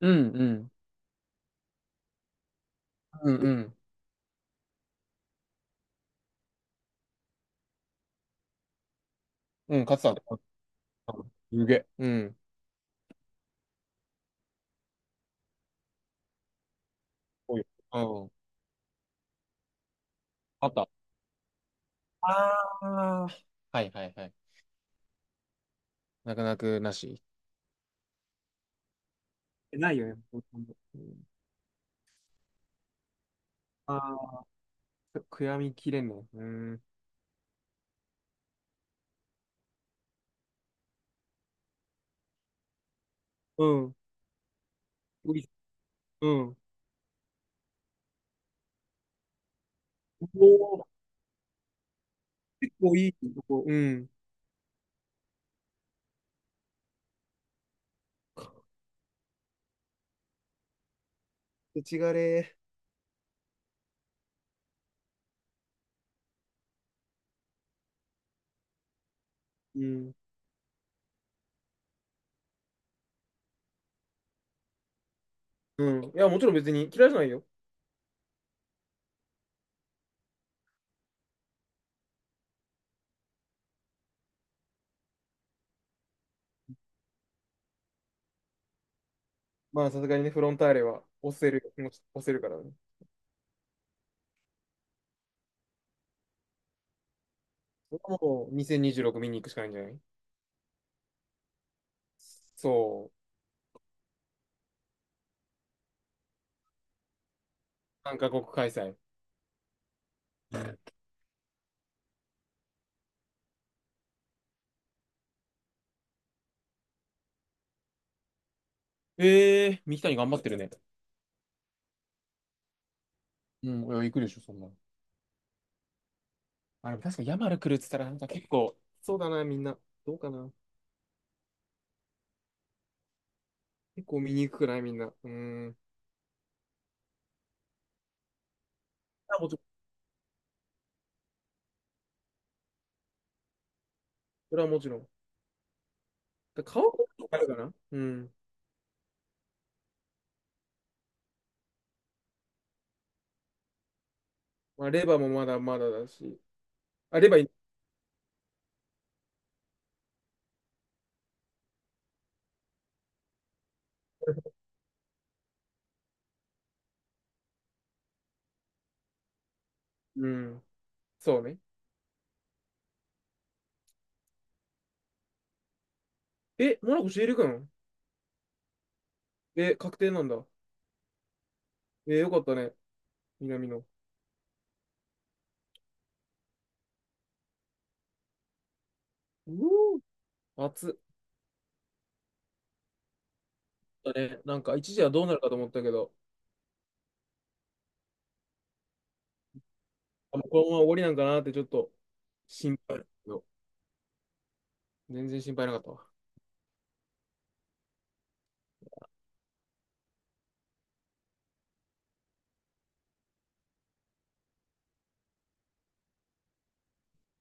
うんうん。うんうん。うん、勝ってたう。すげえ。うん。おい。うん。あった。ああ、はいはいはい。泣く泣くなし。ないよね。うん。ああ、悔やみきれんの。うん。うん。おい、うん。おー、結構いいとこ。うん。土ちがれー。うん。うん。いや、もちろん別に嫌いじゃないよ。まあ、さすがにね、フロンターレは押せる、押せるからね。それはもう2026見に行くしかないんじゃない、そう。3カ国開催。ええー、三木谷頑張ってるね。うん、いや行くでしょ、そんなの。あ、でも確かにヤマル来るっつったら、なんか結構、そうだな、みんな。どうかな。結構見に行くくないみんな。うん。あ、もちろん。それはもちろん。だ顔とあるかな、うん。まあ、レバーもまだまだだし。あ、レバーいい。うん。そうね。え、モナコシエく君、え、確定なんだ。え、よかったね。南の。うお、暑い。だね。なんか一時はどうなるかと思ったけど、あ、もうこのまま終わりなんかなってちょっと心配。全然心配なかったわ。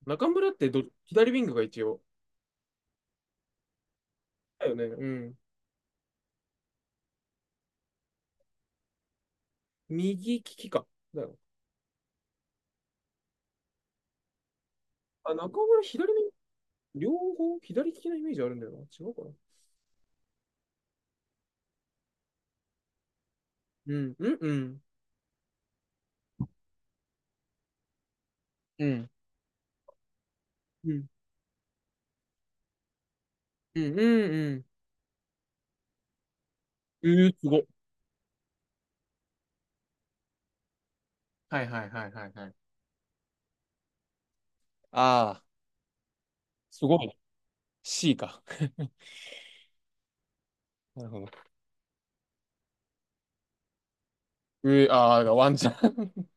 中村ってど、左ウィングが一応。だよね。うん。右利きか。だよ。あ、中村左の、両方左利きなイメージあるんだよな。違うかな。うん、うん、うん。うん。うん、うん、うん、うん。えー、すごい。はいはいはいはいはい。ああ、すごいね、 C か。なるほど。えー、あがワンちゃん。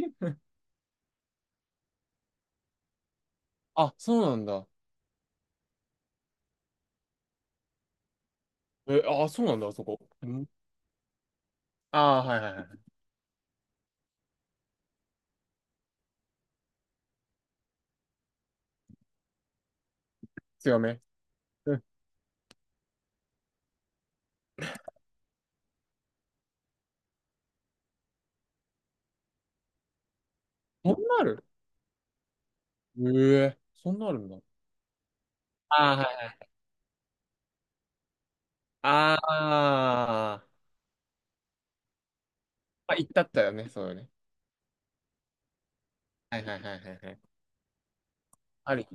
あ、そうなんだ。えー、あー、そうなんだ、あそこ。うん、ああ、はいはいはい。強め。うん、そんなある、ええ、そんなあるんだ。ああ、はい、ああ、まあ、行ったったよね、そうよね。はいはいはいはいはい。あり。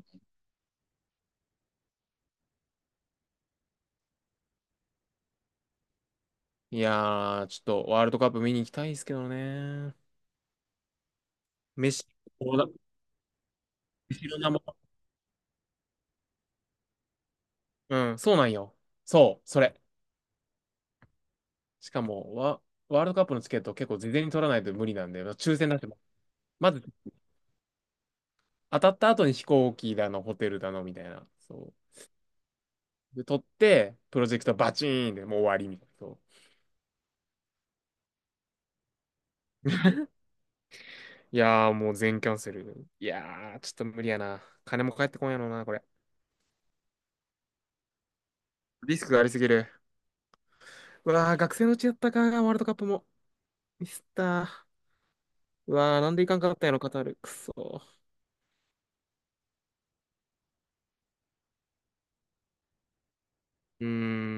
いやー、ちょっとワールドカップ見に行きたいですけどね。飯、おだ、飯の名も。うん、そうなんよ。そう、それ。しかも、ワ、ワールドカップのチケット結構事前に取らないと無理なんで、まあ抽選だなっても、まず、当たった後に飛行機だの、ホテルだの、みたいな。そう。で、取って、プロジェクトバチーンでもう終わりみたいな。そう、いやー、もう全キャンセル。いやー、ちょっと無理やな。金も返ってこんやろな、これ。リスクがありすぎる。うわー、学生のうちやったか、ワールドカップも。ミスったー。うわー、なんでいかんかったんやろ、カタール。くそー。うー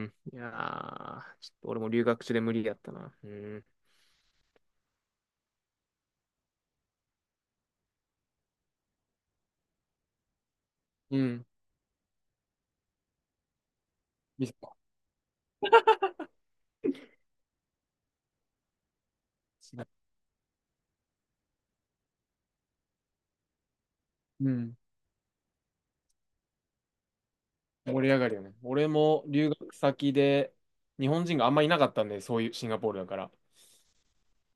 ん。いやー、ちょっと俺も留学中で無理やったな。うーん。うん。ミスった、うん。盛り上がるよね。俺も留学先で日本人があんまいなかったんで、そういうシンガポールだから。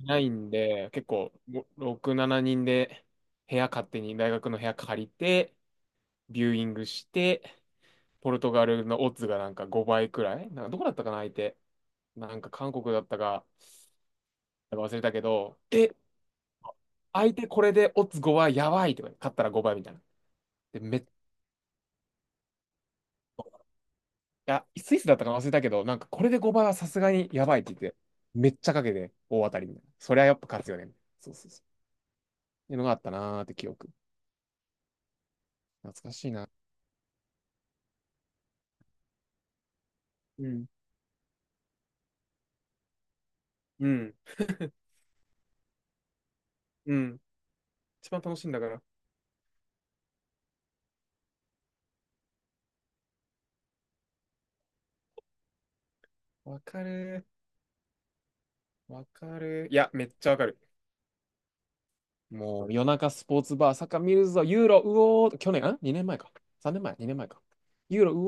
いないんで、結構ご6、7人で部屋勝手に大学の部屋借りて、ビューイングして、ポルトガルのオッズがなんか5倍くらい、なんかどこだったかな、相手。なんか韓国だったか、なんか忘れたけど、え、相手これでオッズ5倍やばいとか、勝ったら5倍みたいな。で、めっちゃ、スイスだったかな忘れたけど、なんかこれで5倍はさすがにやばいって言って、めっちゃかけて大当たりみたいな。そりゃやっぱ勝つよね。そうそうそう。っていうのがあったなーって記憶。懐かしいな。うん。うん。うん。一番楽しいんだから。わかる。わかる。いや、めっちゃわかる。もう夜中スポーツバー、サッカー見るぞ、ユーロ、うおー、去年、ん？ 2 年前か。3年前、2年前か。ユーロ、う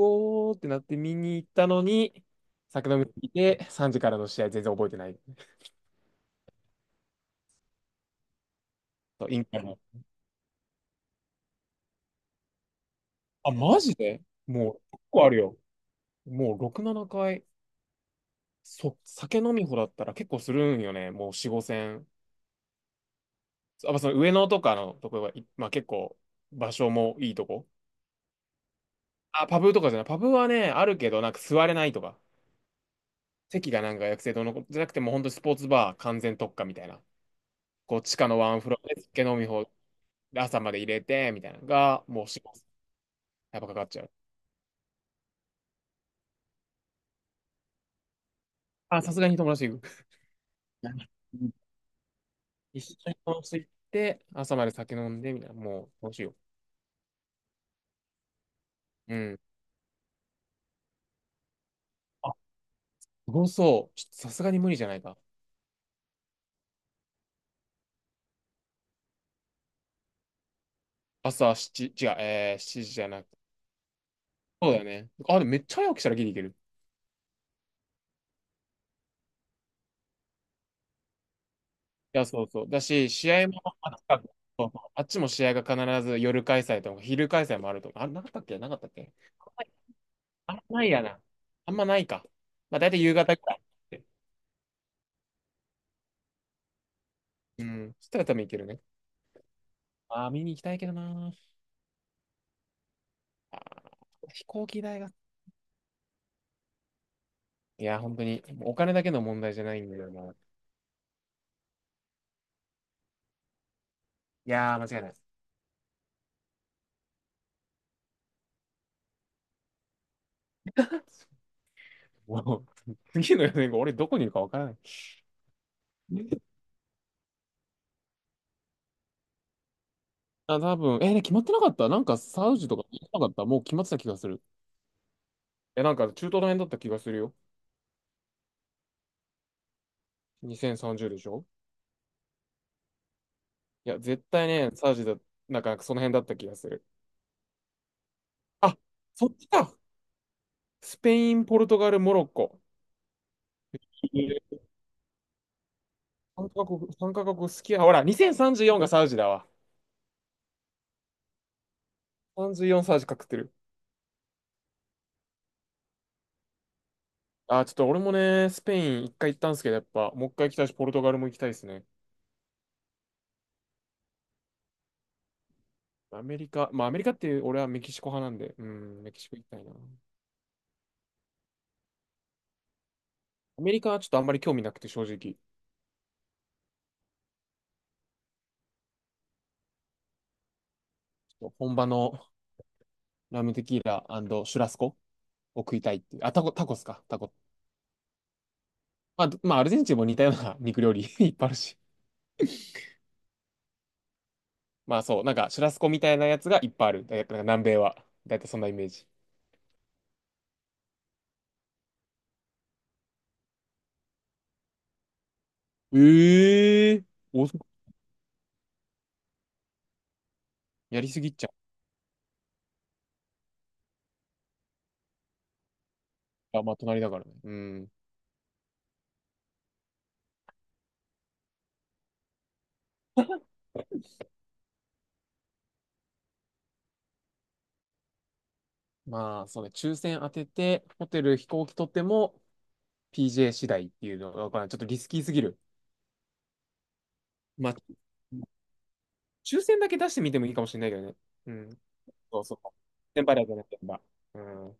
おーってなって見に行ったのに、酒飲みすぎて、3時からの試合全然覚えてない。と、インカの。あ、マジで、もう、結構あるよ。もう6、7回。そ、酒飲みほだったら結構するんよね。もう4、5戦。あ、まあその上野とかのとこが、い、まあ結構、場所もいいとこ。あ、パブとかじゃない。パブはね、あるけど、なんか座れないとか。席がなんか学生堂のことじゃなくてもう本当スポーツバー完全特化みたいな。こう地下のワンフロアで酒飲み放題朝まで入れてみたいなのがもうします。やっぱかかっちゃう。あ、さすがに友達と行く。うん、一緒に友達と行って朝まで酒飲んでみたいな。もうどうしよ。ううん。あ、すごそう。ちょっとさすがに無理じゃないか。朝7、違う、しちじじゃなくて。そうだよね。あ、でもめっちゃ早起きしたらギリいける。いや、そうそう。だし、試合、あ、そうそう、あっちも試合が必ず夜開催とか昼開催もあるとか、あ、なかったっけ、なかったっけ。あんまないやな。あんまないか。まあ大体夕方くらいって、うん。そしたら多分行けるね。ああ、見に行きたいけどな。あー、飛行機代が。いや、本当に、もうお金だけの問題じゃないんだよな。いやー、間違いない。もう、次のよねん後、俺どこにいるかわからない。あ、多分、ね、決まってなかった、なんかサウジとか、決まってなかった、もう決まってた気がする。え、なんか中東の辺だった気がするよ。2030でしょ。いや、絶対ね、サージだ、なんかその辺だった気がする。あ、そっちか。スペイン、ポルトガル、モロッコ。3カ国、三カ国好きや。ほら、2034がサウジだわ。34サウジかくってる。あ、ちょっと俺もね、スペイン一回行ったんですけど、やっぱ、もう一回行きたいし、ポルトガルも行きたいですね。アメリカ、まあアメリカって俺はメキシコ派なんで、うん、メキシコ行きたいな。アメリカはちょっとあんまり興味なくて、正直。ちょっと本場のラムテキーラ、シュラスコを食いたいっていう。あ、タコ、タコスか。タコ、まあ、ど、まあ、アルゼンチンも似たような肉料理 いっぱいあるし。まあそう、なんかシュラスコみたいなやつがいっぱいある。だいたい南米は。だいたいそんなイメージ。ええ、お、やりすぎっちゃう。あ、まあ隣だからね。うん。まあそうね、抽選当てて、ホテル飛行機取っても PJ 次第っていうのがわからない、まちょっとリスキーすぎる。まあ、抽選だけ出してみてもいいかもしれないけどね。うん。そうそう。先輩だとね、先輩。うん。